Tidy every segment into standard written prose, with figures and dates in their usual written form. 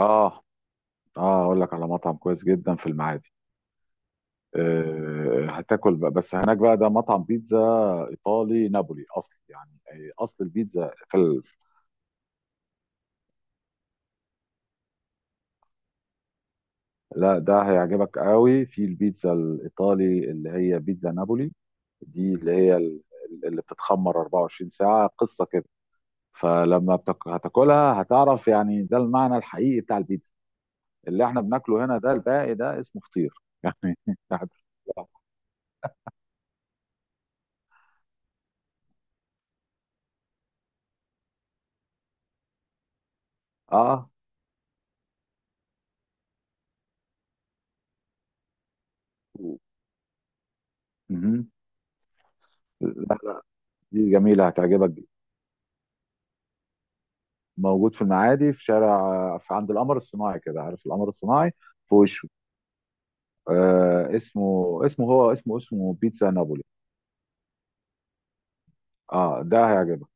اه اه اقول لك على مطعم كويس جدا في المعادي. هتاكل بقى، بس هناك بقى ده مطعم بيتزا ايطالي نابولي اصل، يعني اصل البيتزا في لا، ده هيعجبك قوي. في البيتزا الايطالي اللي هي بيتزا نابولي دي، اللي بتتخمر 24 ساعة قصة كده. فلما هتاكلها هتعرف يعني ده المعنى الحقيقي بتاع البيتزا. اللي احنا بناكله هنا ده الباقي، ده اسمه فطير يعني. اه مهم. دي جميلة هتعجبك جدا. موجود في المعادي، في شارع، في عند القمر الصناعي كده، عارف القمر الصناعي؟ في وشه. آه اسمه اسمه هو اسمه اسمه بيتزا نابولي. اه ده هيعجبك.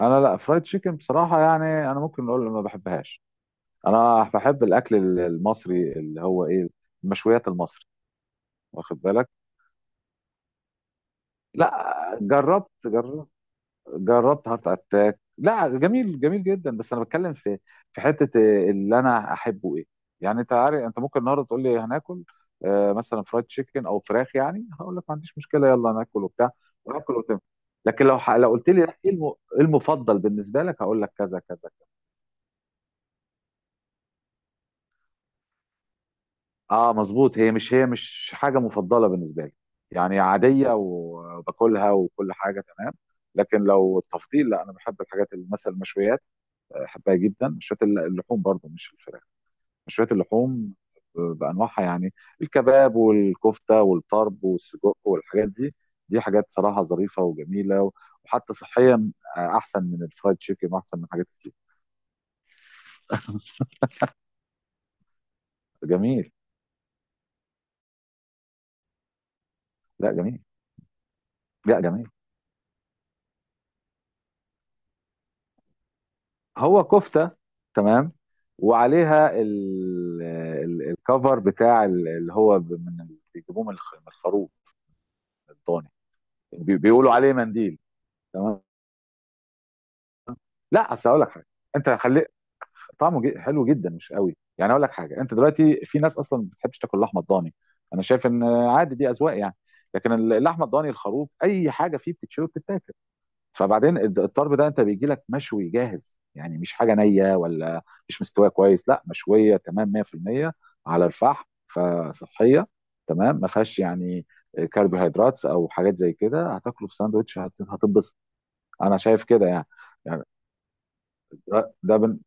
انا لا، فرايد تشيكن بصراحة يعني انا ممكن اقول ما بحبهاش. انا بحب الاكل المصري، اللي هو ايه، المشويات المصري. واخد بالك؟ لا جربت جربت جربت هارت اتاك. لا جميل، جميل جدا. بس انا بتكلم في حته اللي انا احبه ايه. يعني انت عارف انت ممكن النهارده تقول لي هناكل، مثلا فرايد تشيكن او فراخ، يعني هقول لك ما عنديش مشكله، يلا ناكل وبتاع وناكل وتم. لكن لو لو قلت لي لا، إيه المفضل بالنسبه لك، هقول لك كذا كذا. اه مظبوط، هي مش حاجه مفضله بالنسبه لي. يعني عاديه وباكلها وكل حاجه تمام. لكن لو التفضيل، لا، انا بحب الحاجات اللي مثلا المشويات، بحبها جدا. مشويات اللحوم برضو، مش الفراخ. مشويات اللحوم بانواعها يعني، الكباب والكفته والطرب والسجق والحاجات دي. دي حاجات صراحه ظريفه وجميله، وحتى صحيا احسن من الفرايد تشيكن واحسن من حاجات كتير. جميل. لا جميل. لا جميل. هو كفته، تمام، وعليها الكفر بتاع ال- اللي هو ب- من ال- بيجيبوه من من الخروف الضاني، يعني بيقولوا عليه منديل. تمام. لا اصل هقول لك حاجه، انت خلي، طعمه حلو جدا، مش قوي. يعني اقول لك حاجه، انت دلوقتي في ناس اصلا ما بتحبش تاكل لحمه الضاني. انا شايف ان عادي، دي اذواق يعني. لكن اللحمه الضاني، الخروف، اي حاجه فيه بتتشوي وبتتاكل. فبعدين الطرب ده انت بيجي لك مشوي جاهز، يعني مش حاجه نيه ولا مش مستويه كويس، لا، مشويه تمام 100% على الفحم، فصحيه تمام، ما فيهاش يعني كربوهيدرات او حاجات زي كده. هتاكله في ساندوتش هتتبسط. انا شايف كده يعني، يعني. ده ده بن-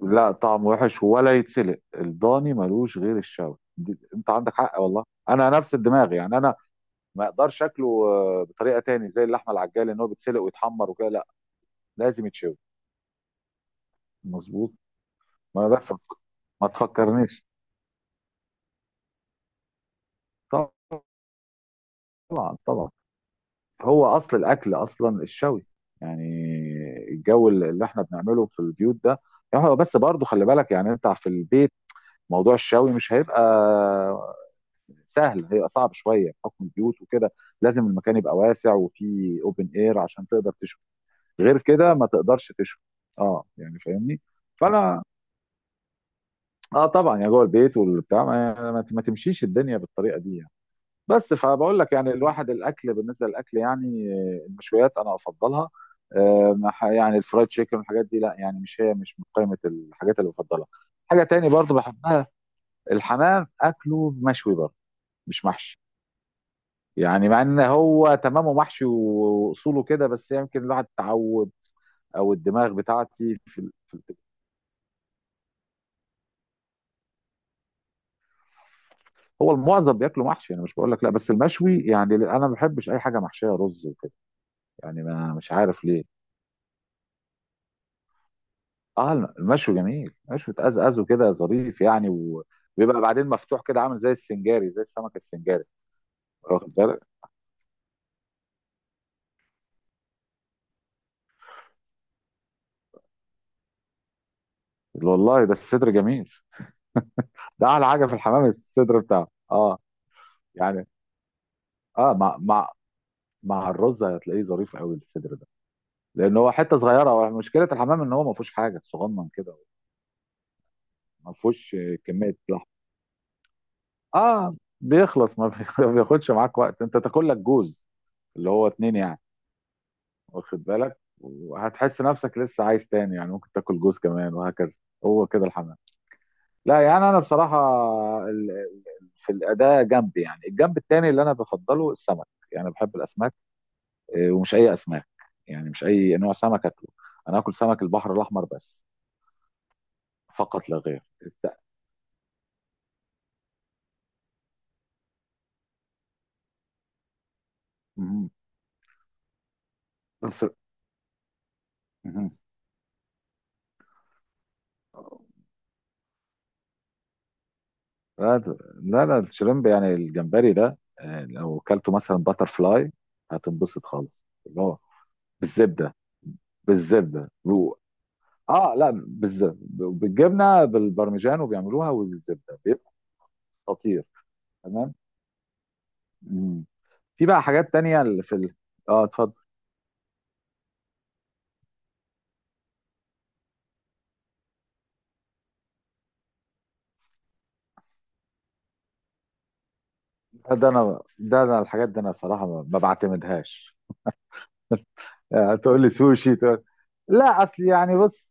لا، طعم وحش ولا يتسلق، الضاني ملوش غير الشوي، انت عندك حق والله، انا نفس الدماغ يعني. انا ما اقدرش اكله بطريقه تاني، زي اللحمه العجالة ان هو بيتسلق ويتحمر وكده، لا، لازم يتشوي. مظبوط. ما انا بس، ما تفكرنيش. طبعا طبعا، هو اصل الاكل اصلا الشوي يعني. الجو اللي احنا بنعمله في البيوت ده، يعني هو بس برضه خلي بالك، يعني انت في البيت، موضوع الشوي مش هيبقى سهل، هي صعب شويه بحكم البيوت وكده. لازم المكان يبقى واسع وفيه اوبن اير عشان تقدر تشوي. غير كده ما تقدرش تشوي. اه يعني فاهمني. فانا، اه طبعا، يا جوه البيت والبتاع ما تمشيش الدنيا بالطريقه دي يعني. بس فبقول لك يعني، الواحد الاكل بالنسبه للاكل، يعني المشويات انا افضلها. آه، ما ح- يعني الفرايد تشيكن والحاجات دي لا، يعني مش من قائمه الحاجات اللي بفضلها. حاجه تاني برضو بحبها، الحمام، اكله مشوي برضو، مش محشي. يعني مع ان هو تمامه محشي واصوله كده، بس يمكن الواحد تعود او الدماغ بتاعتي هو المعظم بياكله محشي، انا مش بقول لك لا، بس المشوي يعني انا ما بحبش اي حاجه محشيه رز وكده. يعني ما مش عارف ليه. اه المشوي جميل، مشوي تقزقزه كده ظريف يعني، وبيبقى بعدين مفتوح كده عامل زي السنجاري، زي السمك السنجاري. واخد بالك؟ والله ده الصدر جميل، ده اعلى حاجه في الحمام، الصدر بتاعه اه. يعني اه مع الرز هتلاقيه ظريف قوي الصدر ده. لان هو حته صغيره، هو مشكله الحمام ان هو ما فيهوش حاجه صغنن كده، ما فيهوش كميه لحم. اه بيخلص، ما بي- ما بياخدش معاك وقت، انت تاكل لك جوز، اللي هو اتنين يعني. واخد بالك؟ وهتحس نفسك لسه عايز تاني، يعني ممكن تاكل جوز كمان وهكذا، هو كده الحمام. لا يعني انا بصراحه، ال- في الاداء جنب، يعني الجنب التاني اللي انا بفضله السمك، يعني بحب الاسماك. ومش اي اسماك، يعني مش اي نوع سمك اكله. انا اكل سمك البحر الاحمر بس، فقط لا غير. بس مهم. لا ده- لا لا، الشريمب يعني الجمبري ده، لو كلته مثلا باتر فلاي هتنبسط خالص، اللي هو بالزبده. بالزبده و، اه لا، بالزبده بالجبنه بالبرمجان، وبيعملوها والزبده بيبقى خطير. تمام. مم. في بقى حاجات تانية اللي في اه اتفضل. ده ده انا ده انا الحاجات دي انا بصراحه ما بعتمدهاش. تقول لي سوشي تقول، لا اصل يعني بص،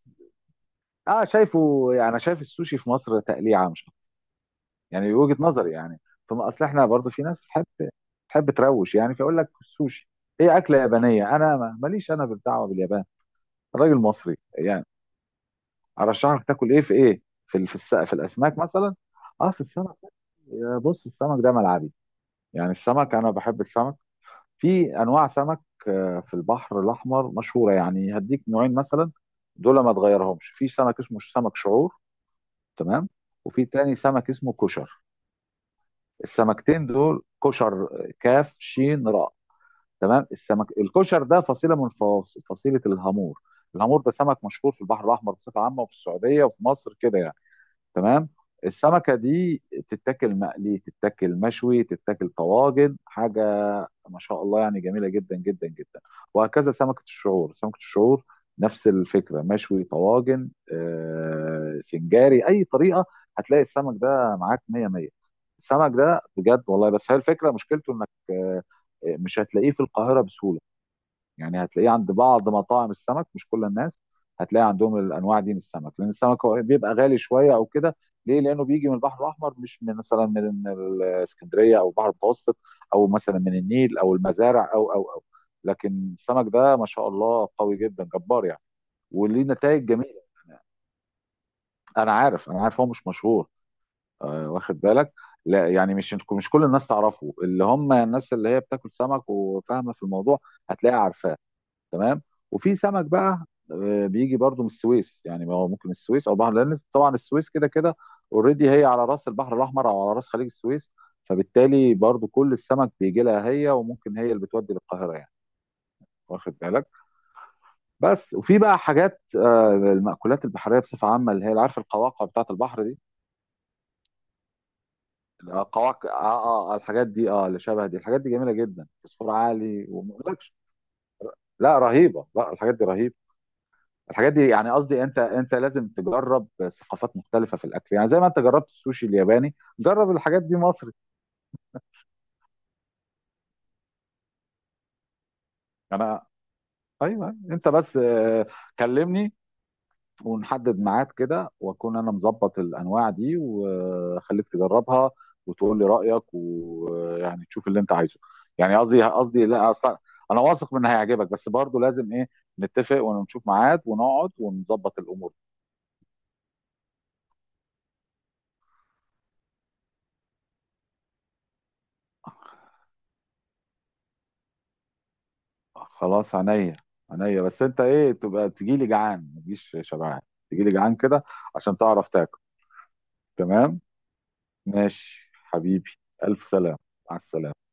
اه شايفه يعني انا شايف السوشي في مصر تقليعه مش، يعني وجهة نظري يعني. ثم اصل احنا برضو في ناس بتحب بتحب تروش، يعني فيقول لك السوشي. هي اكله يابانيه، انا ماليش انا بالدعوه باليابان، الراجل مصري يعني. ارشح لك تاكل ايه في ايه، في في الاسماك مثلا. اه في السمك. يا بص، السمك ده ملعبي يعني، السمك انا بحب السمك. في انواع سمك في البحر الاحمر مشهوره، يعني هديك نوعين مثلا دول ما تغيرهمش. في سمك اسمه سمك شعور، تمام، وفي تاني سمك اسمه كشر. السمكتين دول كشر، كاف شين راء، تمام. السمك الكشر ده فصيله من فصيله الهامور، الهامور ده سمك مشهور في البحر الاحمر بصفه عامه وفي السعوديه وفي مصر كده يعني. تمام. السمكه دي تتاكل مقلي، تتاكل مشوي، تتاكل طواجن، حاجه ما شاء الله يعني، جميله جدا جدا جدا. وهكذا سمكه الشعور، نفس الفكره، مشوي، طواجن، سنجاري، اي طريقه هتلاقي السمك ده معاك 100 100. السمك ده بجد والله، بس هي الفكره مشكلته انك مش هتلاقيه في القاهره بسهوله. يعني هتلاقيه عند بعض مطاعم السمك، مش كل الناس هتلاقي عندهم الانواع دي من السمك، لان السمك هو بيبقى غالي شويه او كده. ليه؟ لانه بيجي من البحر الاحمر، مش من مثلا من الاسكندريه او البحر المتوسط، او مثلا من النيل او المزارع او لكن السمك ده ما شاء الله قوي جدا جبار يعني، وليه نتائج جميله. انا عارف هو مش مشهور، واخد بالك؟ لا يعني مش كل الناس تعرفه، اللي هم الناس اللي هي بتاكل سمك وفاهمه في الموضوع هتلاقيها عارفاه. تمام. وفي سمك بقى بيجي برضو من السويس يعني، ما هو ممكن السويس او بحر، لان طبعا السويس كده كده اوريدي هي على راس البحر الاحمر او على راس خليج السويس، فبالتالي برضو كل السمك بيجي لها هي، وممكن هي اللي بتودي للقاهره يعني. واخد بالك؟ بس. وفي بقى حاجات، المأكولات البحريه بصفه عامه، اللي هي اللي عارف القواقع بتاعت البحر دي. القواقع الحاجات دي، اه اللي شبه دي، الحاجات دي جميله جدا، فوسفور عالي وما اقولكش. لا رهيبه، لا الحاجات دي رهيبه. الحاجات دي يعني، قصدي انت لازم تجرب ثقافات مختلفه في الاكل، يعني زي ما انت جربت السوشي الياباني جرب الحاجات دي مصري. انا، ايوه انت بس، كلمني ونحدد ميعاد كده، واكون انا مظبط الانواع دي وخليك تجربها، وتقول لي رايك ويعني تشوف اللي انت عايزه. يعني قصدي لا اصلا، انا واثق من إن هيعجبك، بس برضه لازم ايه، نتفق ونشوف ميعاد ونقعد ونظبط الامور. خلاص عينيا، عينيا. بس انت ايه، تبقى تجيلي جعان ما تجيش شبعان، تجيلي جعان كده عشان تعرف تاكل. تمام. ماشي حبيبي. الف سلام. مع السلامه.